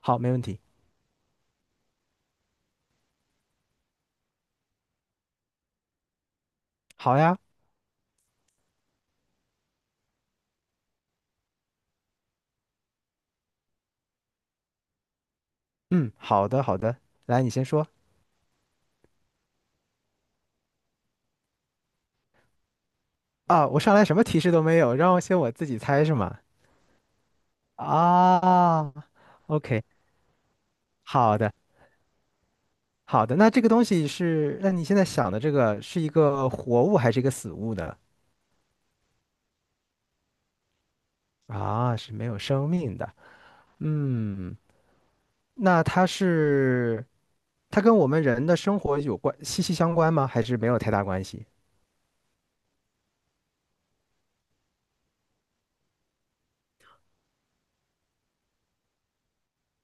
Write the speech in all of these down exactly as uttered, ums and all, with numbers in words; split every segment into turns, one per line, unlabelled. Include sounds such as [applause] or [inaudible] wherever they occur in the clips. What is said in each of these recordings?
好，没问题。好呀，嗯，好的，好的。来，你先说。啊，我上来什么提示都没有，让我先我自己猜是吗？啊，OK，好的，好的。那这个东西是，那你现在想的这个是一个活物还是一个死物呢？啊，是没有生命的。嗯，那它是，它跟我们人的生活有关，息息相关吗？还是没有太大关系？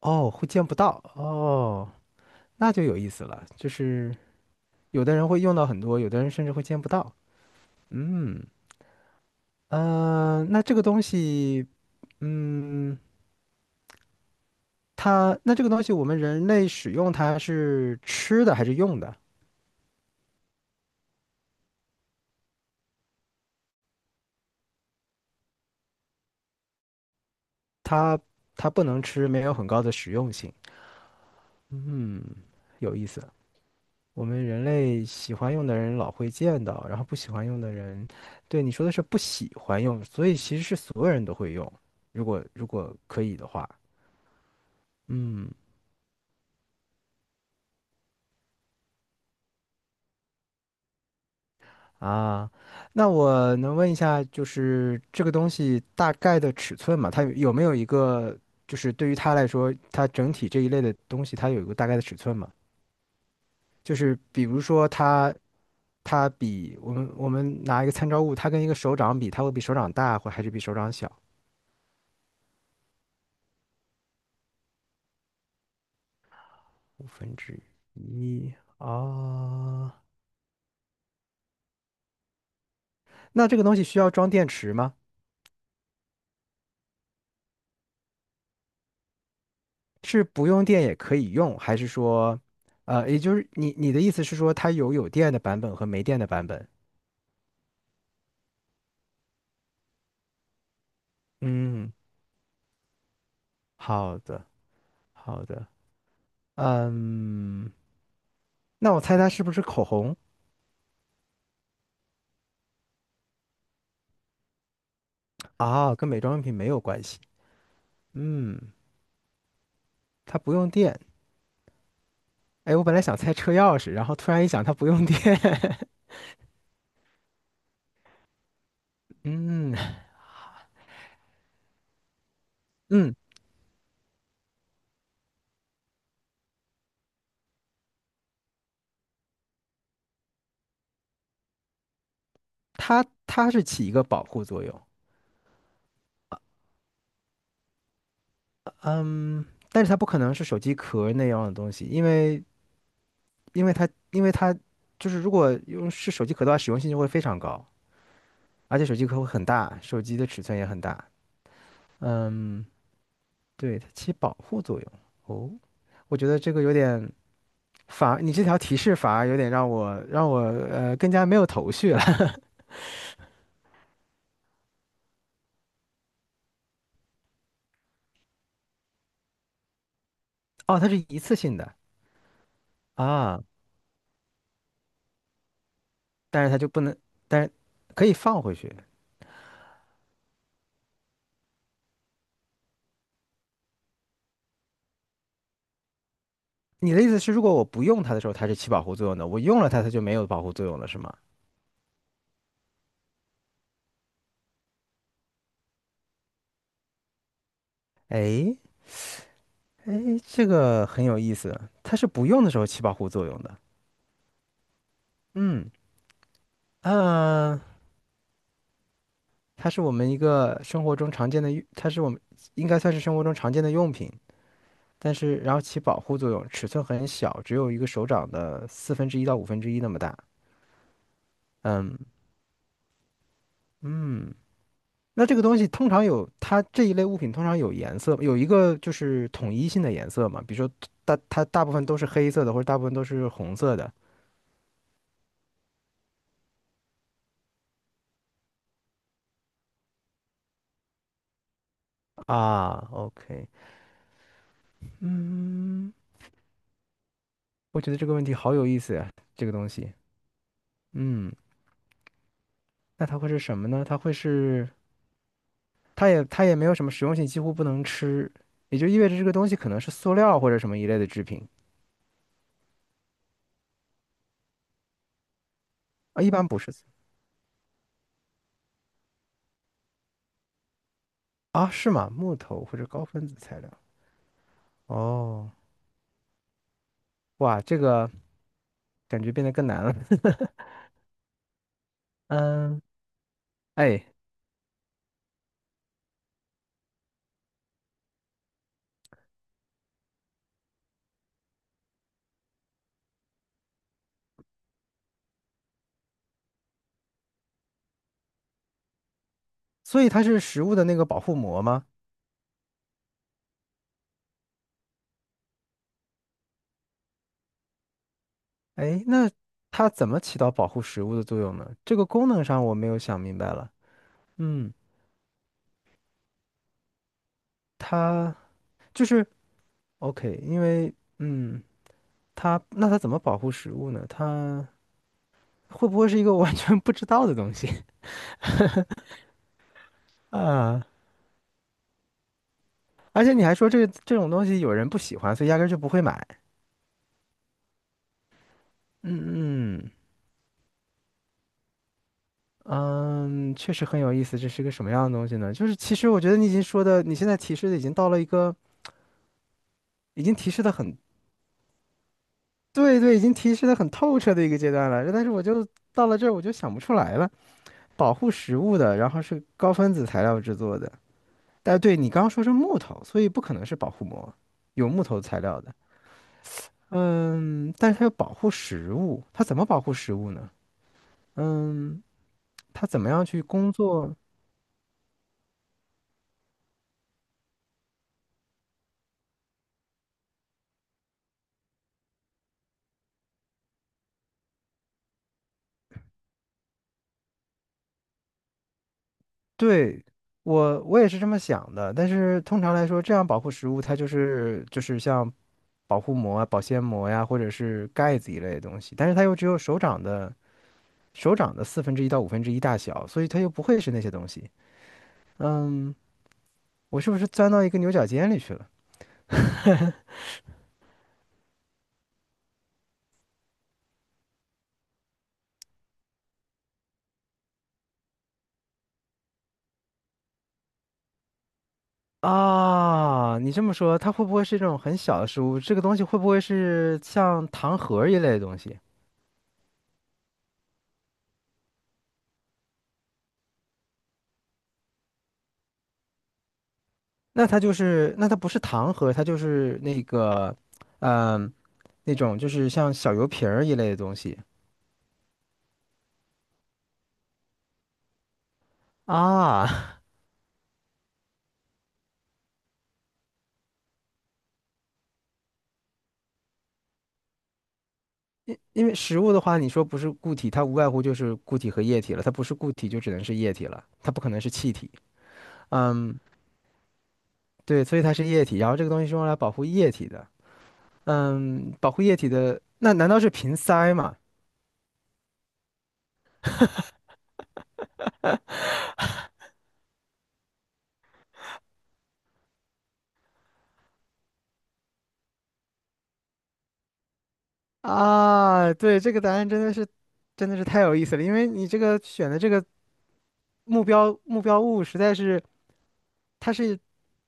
哦，会见不到哦，那就有意思了，就是。有的人会用到很多，有的人甚至会见不到。嗯，呃，那这个东西，嗯，它那这个东西，我们人类使用它是吃的还是用的？它它不能吃，没有很高的实用性。嗯，有意思。我们人类喜欢用的人老会见到，然后不喜欢用的人，对你说的是不喜欢用，所以其实是所有人都会用，如果如果可以的话。嗯。啊，那我能问一下，就是这个东西大概的尺寸嘛？它有有没有一个，就是对于它来说，它整体这一类的东西，它有一个大概的尺寸嘛？就是比如说它，它比我们我们拿一个参照物，它跟一个手掌比，它会比手掌大，或还是比手掌小？五分之一啊？那这个东西需要装电池吗？是不用电也可以用，还是说，呃，也就是你你的意思是说，它有有电的版本和没电的版本？嗯，好的，好的，嗯，那我猜它是不是口红。啊？跟美妆用品没有关系。嗯，它不用电。哎，我本来想猜车钥匙，然后突然一想，它不用电。[laughs] 嗯嗯，它它是起一个保护作用。嗯，但是它不可能是手机壳那样的东西，因为因为它因为它就是如果用是手机壳的话，使用性就会非常高，而且手机壳会很大，手机的尺寸也很大。嗯。对，它起保护作用。哦，我觉得这个有点反而，你这条提示反而有点让我让我呃更加没有头绪了。[laughs] 哦，它是一次性的啊，但是它就不能，但是可以放回去。你的意思是，如果我不用它的时候，它是起保护作用的；我用了它，它就没有保护作用了，是吗？哎哎，这个很有意思，它是不用的时候起保护作用的。嗯，呃，它是我们一个生活中常见的用，它是我们应该算是生活中常见的用品。但是然后起保护作用，尺寸很小，只有一个手掌的四分之一到五分之一那么大。嗯嗯，那这个东西通常有它这一类物品通常有颜色，有一个就是统一性的颜色嘛，比如说大它大部分都是黑色的，或者大部分都是红色的啊。OK，嗯，我觉得这个问题好有意思呀，这个东西。嗯，那它会是什么呢？它会是它也它也没有什么实用性，几乎不能吃，也就意味着这个东西可能是塑料或者什么一类的制品。啊，一般不是啊，是吗？木头或者高分子材料。哦，哇，这个感觉变得更难了。[laughs] 嗯，哎，所以它是食物的那个保护膜吗？哎，那它怎么起到保护食物的作用呢？这个功能上我没有想明白了。嗯，它就是 OK，因为嗯，它那它怎么保护食物呢？它会不会是一个 [laughs] 我完全不知道的东西。 [laughs] 啊？而且你还说这这种东西有人不喜欢，所以压根儿就不会买。嗯嗯嗯，确实很有意思。这是个什么样的东西呢？就是其实我觉得你已经说的，你现在提示的已经到了一个已经提示的很对对，已经提示的很透彻的一个阶段了。但是我就到了这儿，我就想不出来了。保护食物的，然后是高分子材料制作的。但对你刚刚说是木头，所以不可能是保护膜，有木头材料的。嗯，但是它要保护食物，它怎么保护食物呢？嗯，它怎么样去工作？对，我我也是这么想的，但是通常来说，这样保护食物它就是就是像保护膜啊、保鲜膜呀，或者是盖子一类的东西，但是它又只有手掌的手掌的四分之一到五分之一大小，所以它又不会是那些东西。嗯，我是不是钻到一个牛角尖里去了？啊，你这么说，它会不会是这种很小的食物？这个东西会不会是像糖盒儿一类的东西？那它就是，那它不是糖盒，它就是那个，嗯、那种就是像小油瓶儿一类的东西。啊，因因为食物的话，你说不是固体，它无外乎就是固体和液体了。它不是固体，就只能是液体了，它不可能是气体。嗯，对，所以它是液体。然后这个东西是用来保护液体的。嗯，保护液体的，那难道是瓶塞吗？啊，对，这个答案真的是，真的是太有意思了。因为你这个选的这个目标目标物实在是，它是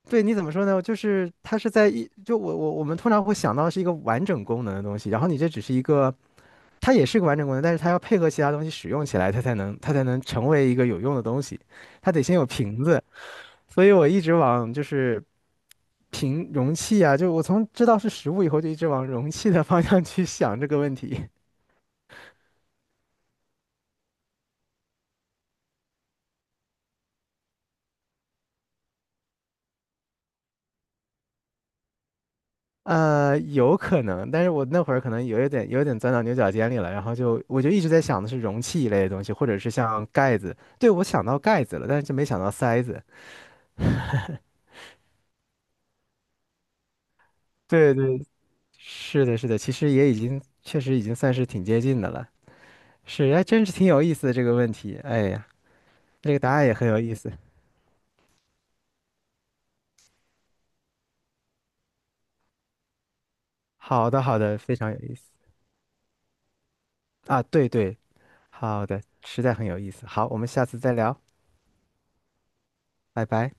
对，你怎么说呢？就是它是在一，就我我我们通常会想到是一个完整功能的东西，然后你这只是一个，它也是个完整功能，但是它要配合其他东西使用起来，它才能它才能成为一个有用的东西，它得先有瓶子，所以我一直往就是瓶容器啊，就我从知道是食物以后，就一直往容器的方向去想这个问题。呃，有可能，但是我那会儿可能有一点有点钻到牛角尖里了，然后就我就一直在想的是容器一类的东西，或者是像盖子。对，我想到盖子了，但是就没想到塞子。对对，是的，是的，其实也已经确实已经算是挺接近的了。是，还真是挺有意思的这个问题。哎呀，这个答案也很有意思。好的，好的，非常有意思啊。对对，好的，实在很有意思。好，我们下次再聊，拜拜。